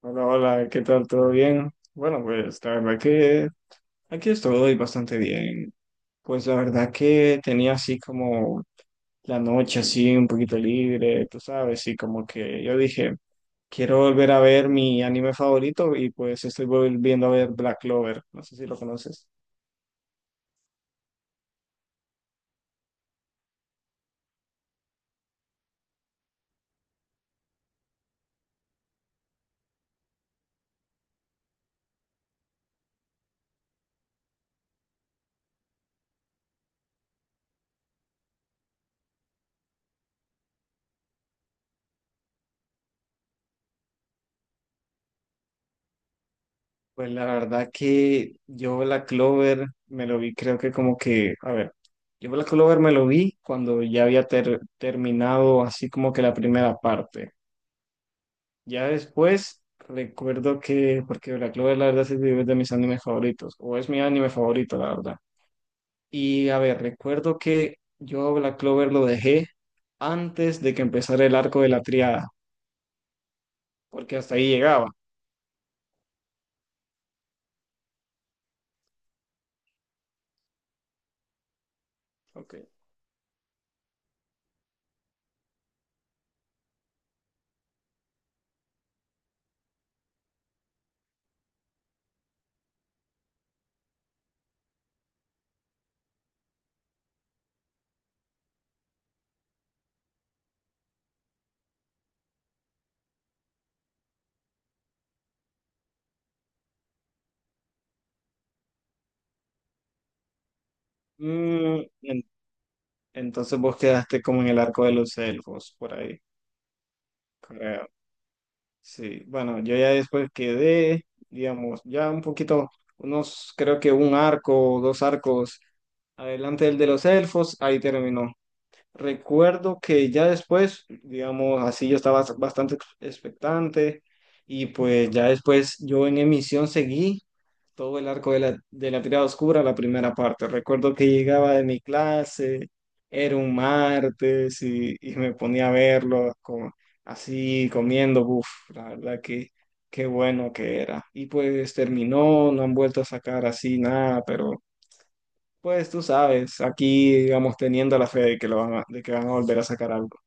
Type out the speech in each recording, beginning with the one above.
Hola, hola, ¿qué tal? ¿Todo bien? Bueno, pues la verdad que aquí estoy bastante bien. Pues la verdad que tenía así como la noche así un poquito libre, tú sabes, y como que yo dije, quiero volver a ver mi anime favorito y pues estoy volviendo a ver Black Clover, no sé si lo conoces. Pues la verdad que yo Black Clover me lo vi, creo que como que, a ver, yo Black Clover me lo vi cuando ya había terminado así como que la primera parte. Ya después recuerdo que, porque Black Clover la verdad sí es de mis animes favoritos, o es mi anime favorito, la verdad. Y a ver, recuerdo que yo Black Clover lo dejé antes de que empezara el arco de la triada, porque hasta ahí llegaba. Ok. Mm, en- entonces vos quedaste como en el arco de los elfos, por ahí, creo. Sí, bueno, yo ya después quedé, digamos, ya un poquito, unos, creo que un arco, o dos arcos adelante del de los elfos, ahí terminó. Recuerdo que ya después, digamos, así yo estaba bastante expectante y pues ya después yo en emisión seguí todo el arco de la tirada oscura, la primera parte. Recuerdo que llegaba de mi clase, era un martes y me ponía a verlo como, así comiendo, uff, la verdad que qué bueno que era. Y pues terminó, no han vuelto a sacar así nada, pero pues tú sabes, aquí, digamos, teniendo la fe de que lo van a, de que van a volver a sacar algo.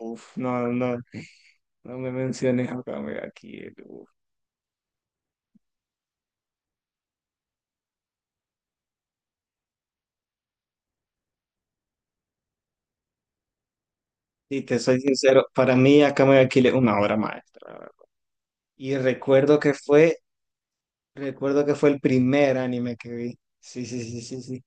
Uf, no, no, no me menciones a Kame ga Kill, uf. Y te soy sincero, para mí a Kame ga Kill es una obra maestra, la verdad. Y recuerdo que fue, Recuerdo que fue el primer anime que vi. Sí, sí, sí, sí, sí.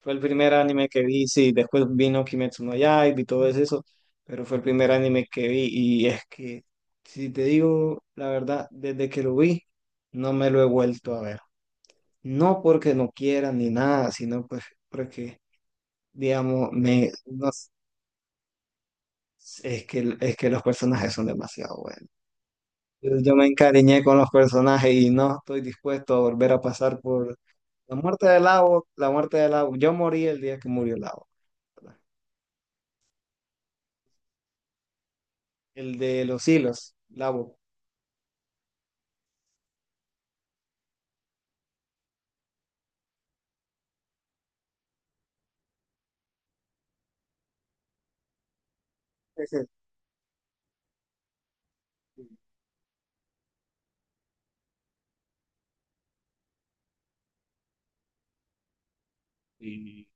Fue el primer anime que vi, sí. Después vino Kimetsu no Yaiba y todo eso, pero fue el primer anime que vi. Y es que, si te digo la verdad, desde que lo vi, no me lo he vuelto a ver. No porque no quiera ni nada, sino pues porque, digamos, me, no s- es que los personajes son demasiado buenos. Yo me encariñé con los personajes y no estoy dispuesto a volver a pasar por la muerte de Lavo, la muerte de Lavo. Yo morí el día que murió Lavo, ¿verdad? El de los hilos, Lavo. Ese. Y,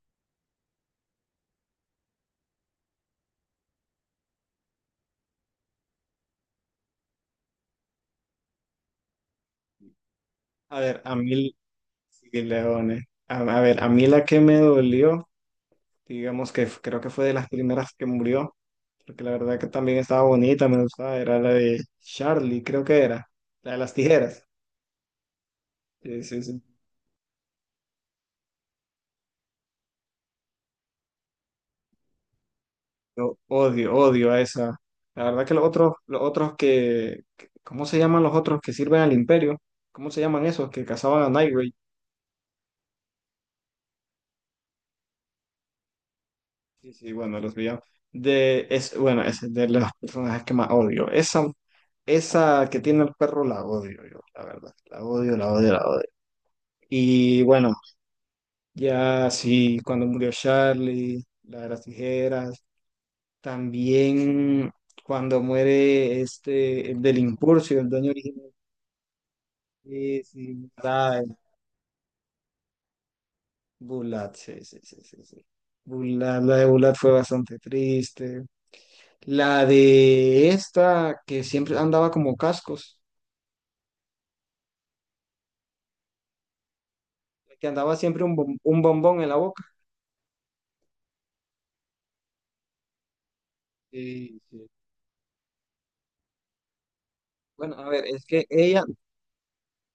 a ver, a mí, sí, Leone. A ver, a mí la que me dolió, digamos que creo que fue de las primeras que murió, porque la verdad que también estaba bonita, me gustaba, era la de Charlie, creo que era, la de las tijeras. Sí, sí, sí. Yo odio, odio a esa. La verdad que los otros, ¿cómo se llaman los otros que sirven al imperio? ¿Cómo se llaman esos que cazaban a Nightwing? Sí, sí, bueno, los villanos. De, es, bueno, es de los personajes que más odio. Esa que tiene el perro la odio yo, la verdad. La odio, la odio, la odio. Y bueno. Ya, sí, cuando murió Charlie, la de las tijeras, también cuando muere este, el del Impulso, el dueño original, sí, sí, la de Bulat, sí, sí, sí, sí, sí. Bulat, la de Bulat fue bastante triste. La de esta, que siempre andaba como cascos, Que andaba siempre un bombón en la boca. Sí, sí. Bueno, a ver, es que ella,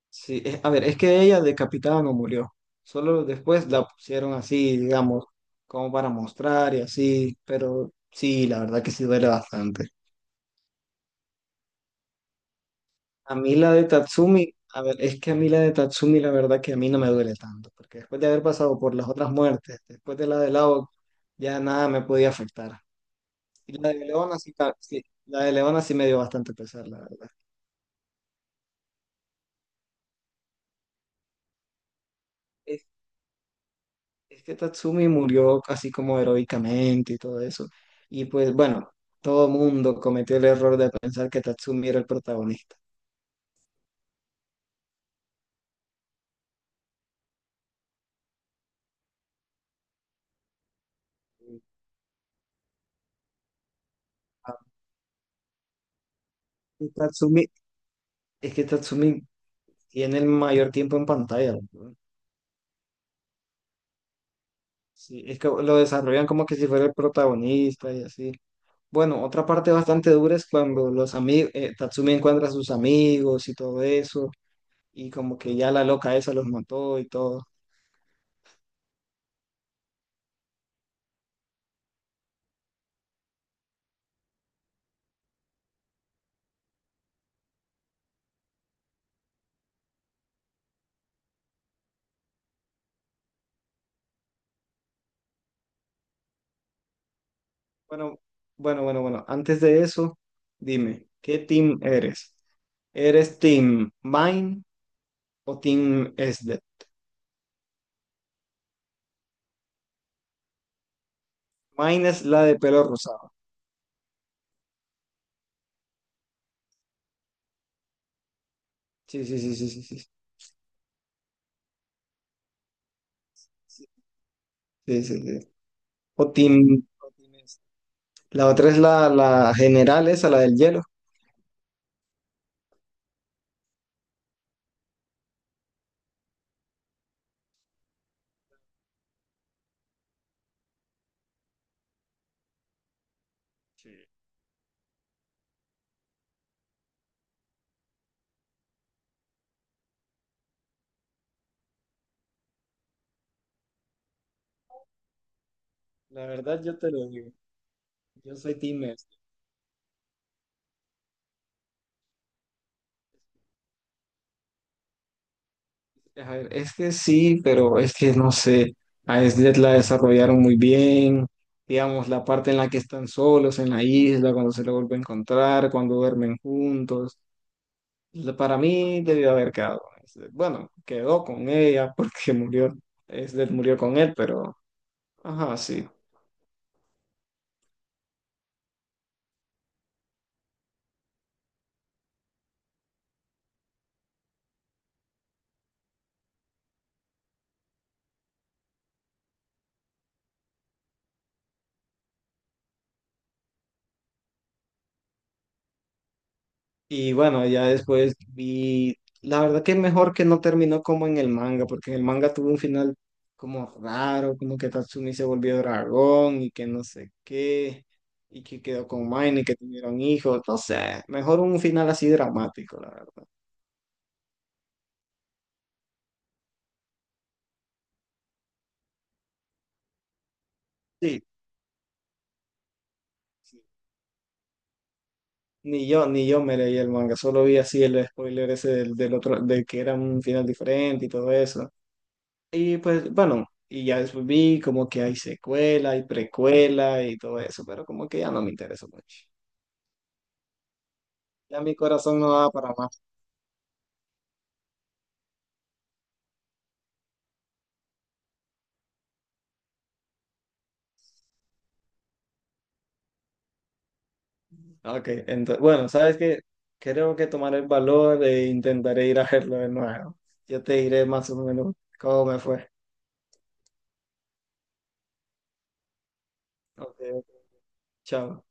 sí, a ver, es que ella decapitada no murió. Solo después la pusieron así, digamos, como para mostrar y así, pero sí, la verdad que sí duele bastante. A ver, es que a mí la de Tatsumi la verdad que a mí no me duele tanto, porque después de haber pasado por las otras muertes, después de la de Lao, ya nada me podía afectar. Y la de Leona sí, sí, la de Leona sí me dio bastante pesar, la verdad. Es que Tatsumi murió así como heroicamente y todo eso. Y pues bueno, todo mundo cometió el error de pensar que Tatsumi era el protagonista. Ah, y Tatsumi, es que Tatsumi tiene el mayor tiempo en pantalla, ¿no? Sí, es que lo desarrollan como que si fuera el protagonista y así. Bueno, otra parte bastante dura es cuando los amigos, Tatsumi encuentra a sus amigos y todo eso, y como que ya la loca esa los mató y todo. Bueno, bueno, bueno, bueno. Antes de eso, dime, ¿qué team eres? ¿Eres team Mine o team SD? Mine es la de pelo rosado. Sí, sí, sí, sí, sí, sí. Sí, sí, sí, sí. O team SD. La otra es la general, esa, la del hielo. Sí. La verdad, yo te lo digo. Yo soy team SD. A ver, es que sí, pero es que no sé, a Sled la desarrollaron muy bien, digamos, la parte en la que están solos en la isla, cuando se lo vuelve a encontrar, cuando duermen juntos, para mí debió haber quedado con Slade. Bueno, quedó con ella porque murió, Sled murió con él, pero, ajá, sí. Y bueno, ya después vi, la verdad que mejor que no terminó como en el manga, porque en el manga tuvo un final como raro, como que Tatsumi se volvió dragón y que no sé qué, y que quedó con Mine y que tuvieron hijos, no sé, mejor un final así dramático, la verdad. Sí, sí. Ni yo, ni yo me leí el manga, solo vi así el spoiler ese del otro, de que era un final diferente y todo eso. Y pues bueno, y ya después vi como que hay secuela y precuela y todo eso, pero como que ya no me interesó mucho. Ya mi corazón no da para más. Ok, entonces, bueno, ¿sabes qué? Creo que tomaré el valor e intentaré ir a verlo de nuevo. Yo te diré más o menos cómo me fue. Ok, chao.